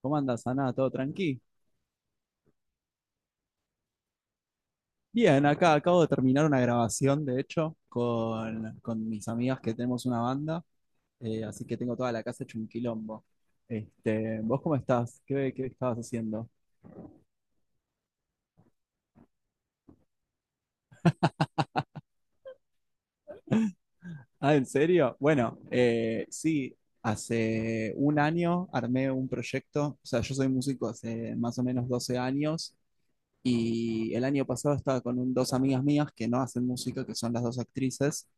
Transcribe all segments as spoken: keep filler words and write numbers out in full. ¿Cómo andas, Ana? ¿Todo tranqui? Bien, acá acabo de terminar una grabación, de hecho, con, con mis amigas que tenemos una banda, eh, así que tengo toda la casa hecho un quilombo. Este, ¿vos cómo estás? ¿Qué, qué estabas haciendo? Ah, ¿en serio? Bueno, eh, sí, hace un año armé un proyecto, o sea, yo soy músico hace más o menos doce años. Y el año pasado estaba con un- dos amigas mías que no hacen música, que son las dos actrices,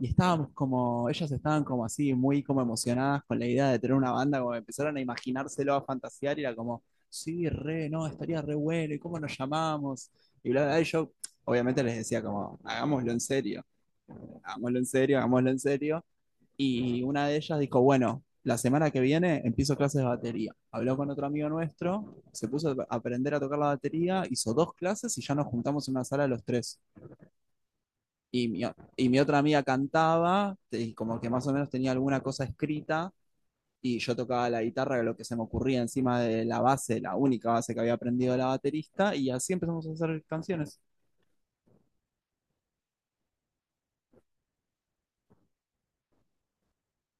y estábamos como, ellas estaban como así, muy como emocionadas con la idea de tener una banda, como empezaron a imaginárselo, a fantasear, y era como, sí, re, no, estaría re bueno, ¿y cómo nos llamamos? Y bla, bla, bla, y yo obviamente les decía como, hagámoslo en serio, hagámoslo en serio, hagámoslo en serio, y una de ellas dijo, bueno, la semana que viene empiezo clases de batería. Habló con otro amigo nuestro, se puso a aprender a tocar la batería, hizo dos clases y ya nos juntamos en una sala los tres. Y mi, y mi otra amiga cantaba y como que más o menos tenía alguna cosa escrita, y yo tocaba la guitarra, lo que se me ocurría encima de la base, la única base que había aprendido de la baterista, y así empezamos a hacer canciones.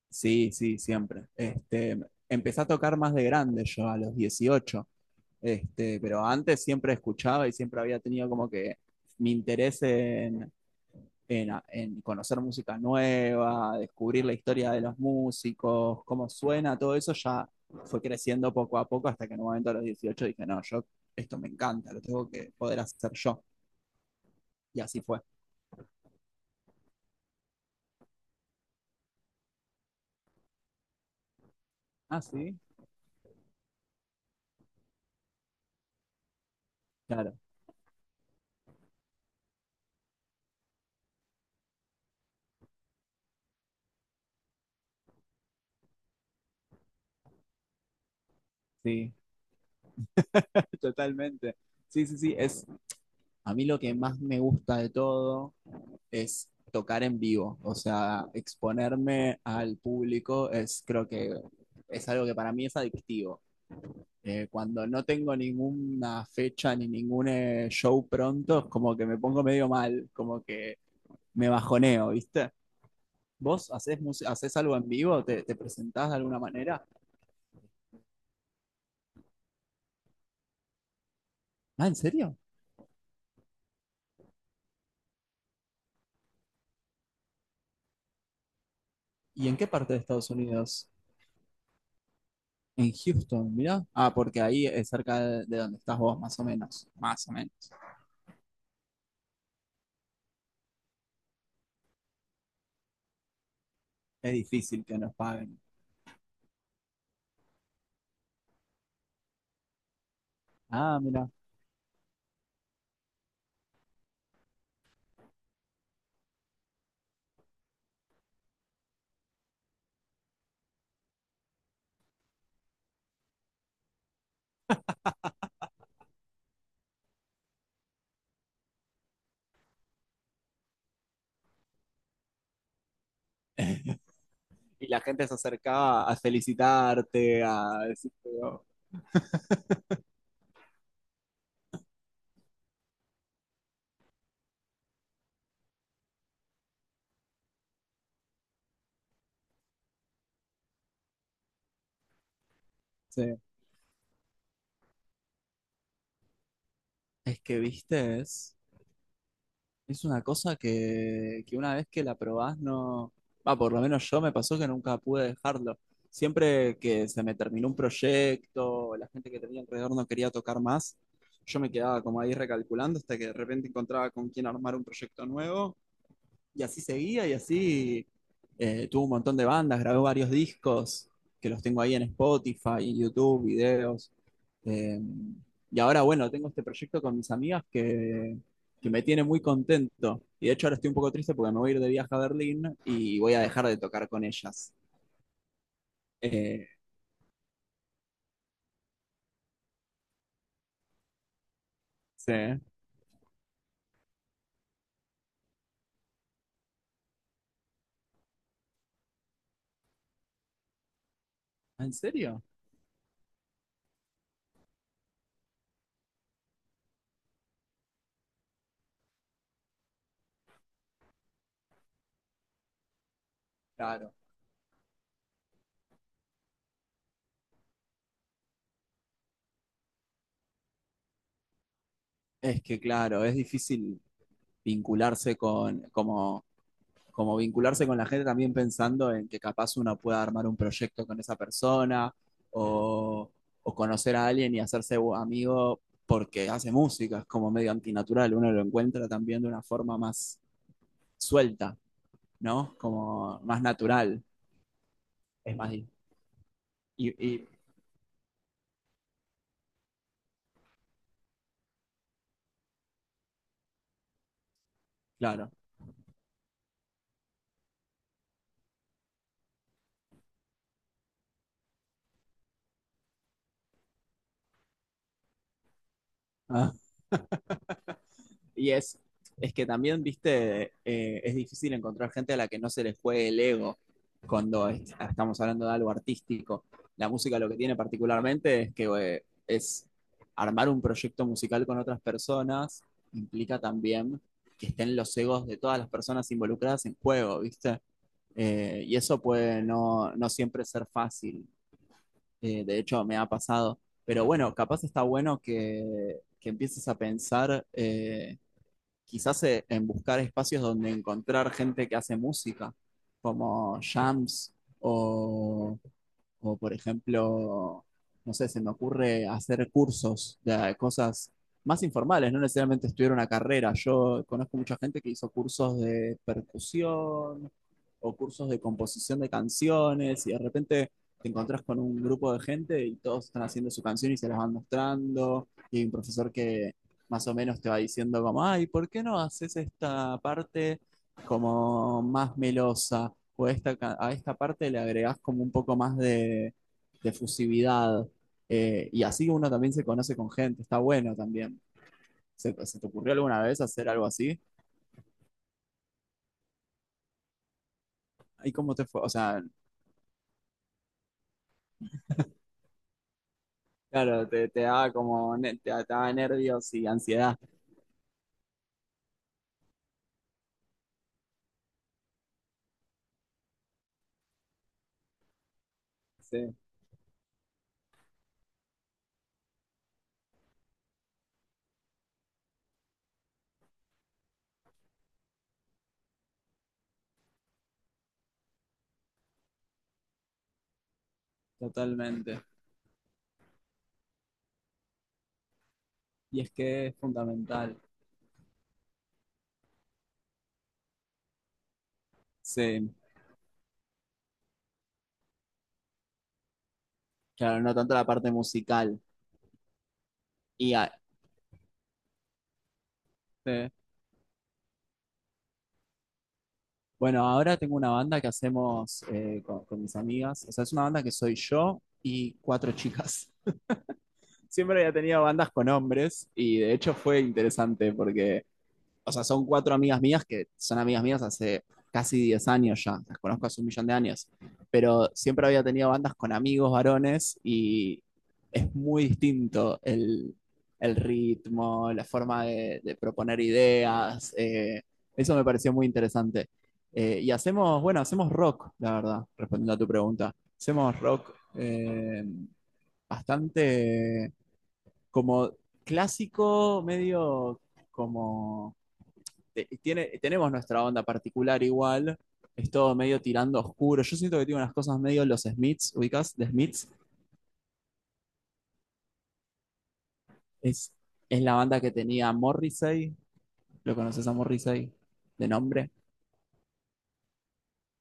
Sí, sí, siempre. Este, empecé a tocar más de grande yo, a los dieciocho. Este, pero antes siempre escuchaba y siempre había tenido como que mi interés en, en, en, conocer música nueva, descubrir la historia de los músicos, cómo suena. Todo eso ya fue creciendo poco a poco hasta que en un momento a los dieciocho dije, no, yo esto me encanta, lo tengo que poder hacer yo. Y así fue. Ah, sí, claro, sí, totalmente. Sí, sí, sí, es a mí lo que más me gusta de todo es tocar en vivo, o sea, exponerme al público es creo que es algo que para mí es adictivo. Eh, cuando no tengo ninguna fecha ni ningún eh, show pronto, es como que me pongo medio mal, como que me bajoneo, ¿viste? ¿Vos haces, haces algo en vivo? ¿Te, ¿Te presentás de alguna manera? Ah, ¿en serio? ¿Y en qué parte de Estados Unidos? En Houston, mira. Ah, porque ahí es cerca de, de, donde estás vos, más o menos. Más o menos. Es difícil que nos paguen. Ah, mira. Y la gente se acercaba a felicitarte, a decirte, "Oh". Sí, es que viste, es, es, una cosa que, que una vez que la probás no, va, por lo menos yo, me pasó que nunca pude dejarlo. Siempre que se me terminó un proyecto, la gente que tenía alrededor no quería tocar más, yo me quedaba como ahí recalculando hasta que de repente encontraba con quién armar un proyecto nuevo. Y así seguía, y así eh, tuvo un montón de bandas, grabó varios discos que los tengo ahí en Spotify, en YouTube, videos. Eh, y ahora, bueno, tengo este proyecto con mis amigas que, que, me tiene muy contento. Y de hecho ahora estoy un poco triste porque me voy a ir de viaje a Berlín y voy a dejar de tocar con ellas. Eh, ¿sí? ¿En serio? Claro. Es que claro, es difícil vincularse con, como como vincularse con la gente, también pensando en que capaz uno pueda armar un proyecto con esa persona, o, o, conocer a alguien y hacerse amigo porque hace música, es como medio antinatural. Uno lo encuentra también de una forma más suelta, ¿no? Como más natural, es más. Y, y claro. Ah. Y es, es que también, viste, eh, es difícil encontrar gente a la que no se les juegue el ego cuando est- estamos hablando de algo artístico. La música lo que tiene particularmente es que eh, es armar un proyecto musical con otras personas, implica también que estén los egos de todas las personas involucradas en juego, ¿viste? Eh, y eso puede no, no siempre ser fácil. Eh, de hecho, me ha pasado. Pero bueno, capaz está bueno que, que empieces a pensar, eh, quizás eh, en buscar espacios donde encontrar gente que hace música, como jams, o o por ejemplo, no sé, se me ocurre hacer cursos de cosas más informales, no necesariamente estudiar una carrera. Yo conozco mucha gente que hizo cursos de percusión o cursos de composición de canciones, y de repente te encontrás con un grupo de gente y todos están haciendo su canción y se las van mostrando, y hay un profesor que más o menos te va diciendo como, ay, ¿por qué no haces esta parte como más melosa? O a esta, a esta, parte le agregás como un poco más de, de fusividad. eh, y así uno también se conoce con gente, está bueno también. ¿Se, se te ocurrió alguna vez hacer algo así? ¿Y cómo te fue? O sea, claro, te, te da como, ne- te, te da nervios y ansiedad. Sí, totalmente. Y es que es fundamental. Sí, claro, no tanto la parte musical. Y a- sí. Bueno, ahora tengo una banda que hacemos eh, con, con mis amigas. O sea, es una banda que soy yo y cuatro chicas. Siempre había tenido bandas con hombres y de hecho fue interesante porque, o sea, son cuatro amigas mías que son amigas mías hace casi diez años ya, las conozco hace un millón de años, pero siempre había tenido bandas con amigos varones, y es muy distinto el, el, ritmo, la forma de, de proponer ideas, eh, eso me pareció muy interesante. Eh, y hacemos, bueno, hacemos rock, la verdad, respondiendo a tu pregunta. Hacemos rock, eh, bastante como clásico, medio como. Tiene, tenemos nuestra onda particular igual, es todo medio tirando oscuro. Yo siento que tiene unas cosas medio los Smiths, ubicás, The Smiths. Es, es la banda que tenía Morrissey, ¿lo conoces a Morrissey de nombre?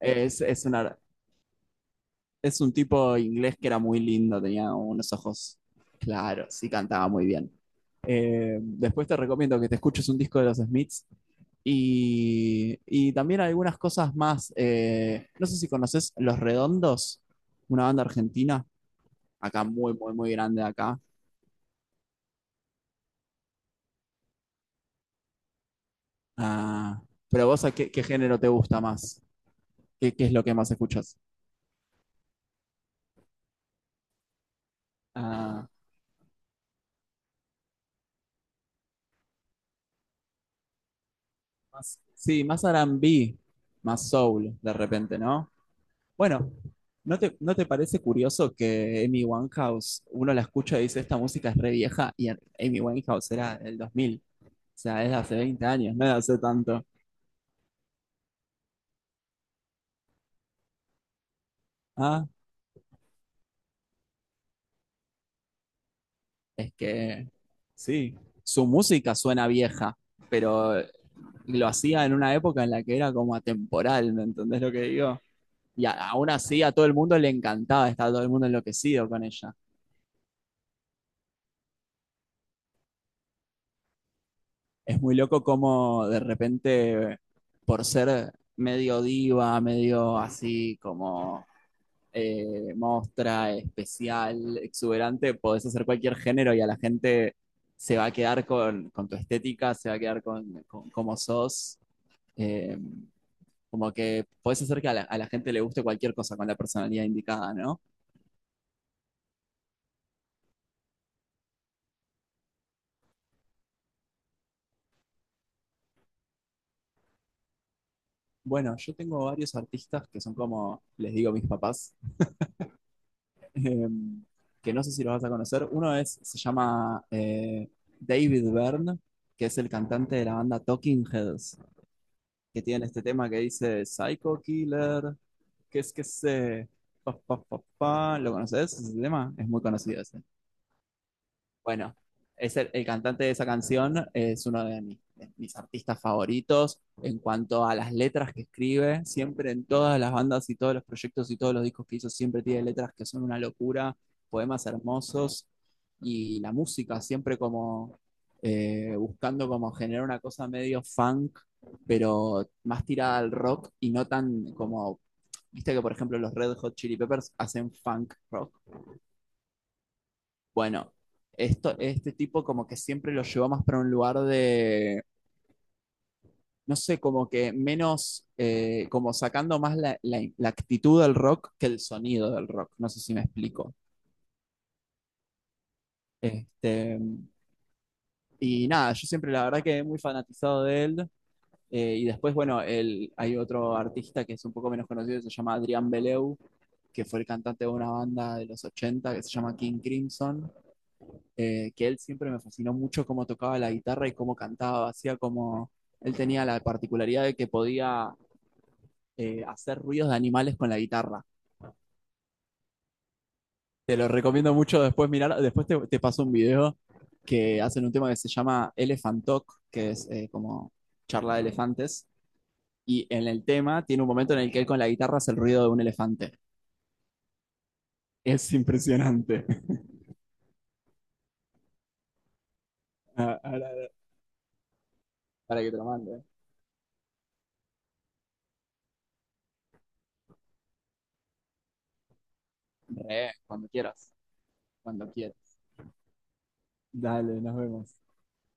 Es, es, una, es un tipo inglés que era muy lindo, tenía unos ojos claros y cantaba muy bien. Eh, después te recomiendo que te escuches un disco de los Smiths. Y, y también algunas cosas más. eh, no sé si conoces Los Redondos, una banda argentina, acá muy, muy, muy grande acá. Ah, pero vos, ¿a qué, qué género te gusta más? ¿Qué, qué es lo que más escuchas? Ah, más- sí, más r and b, más soul, de repente, ¿no? Bueno, ¿no te, no te parece curioso que Amy Winehouse, uno la escucha y dice, esta música es re vieja, y Amy Winehouse era del dos mil? O sea, es de hace veinte años, no es de hace tanto. Ah, es que sí, su música suena vieja, pero lo hacía en una época en la que era como atemporal, ¿me entendés lo que digo? Y a- aún así a todo el mundo le encantaba, estaba todo el mundo enloquecido con ella. Es muy loco como de repente, por ser medio diva, medio así como eh, mostra, especial, exuberante, podés hacer cualquier género y a la gente se va a quedar con, con tu estética, se va a quedar con, con cómo sos. Eh, como que podés hacer que a la, a la gente le guste cualquier cosa con la personalidad indicada, ¿no? Bueno, yo tengo varios artistas que son como, les digo, mis papás, eh, que no sé si los vas a conocer. Uno es, se llama eh, David Byrne, que es el cantante de la banda Talking Heads, que tiene este tema que dice Psycho Killer, que es que se. Pa, pa, pa, pa. ¿Lo conoces ese tema? Es muy conocido ese. Bueno, es el, el, cantante de esa canción es uno de mis, de mis artistas favoritos en cuanto a las letras que escribe. Siempre en todas las bandas y todos los proyectos y todos los discos que hizo, siempre tiene letras que son una locura, poemas hermosos, y la música siempre como eh, buscando como generar una cosa medio funk, pero más tirada al rock y no tan como, viste que por ejemplo los Red Hot Chili Peppers hacen funk rock. Bueno, esto, este tipo como que siempre lo llevó más para un lugar de, no sé, como que menos, eh, como sacando más la, la- la actitud del rock que el sonido del rock, no sé si me explico. Este, y nada, yo siempre la verdad que muy fanatizado de él. Eh, y después, bueno, él- hay otro artista que es un poco menos conocido, que se llama Adrián Beleu, que fue el cantante de una banda de los ochenta que se llama King Crimson. eh, que él siempre me fascinó mucho cómo tocaba la guitarra y cómo cantaba, hacía como, él tenía la particularidad de que podía eh, hacer ruidos de animales con la guitarra. Te lo recomiendo mucho después mirar, después te, te, paso un video que hacen un tema que se llama Elephant Talk, que es eh, como charla de elefantes, y en el tema tiene un momento en el que él con la guitarra hace el ruido de un elefante. Es impresionante. Ahora- ahora- Para que te lo mande. Re, cuando quieras, cuando quieras. Dale, nos vemos.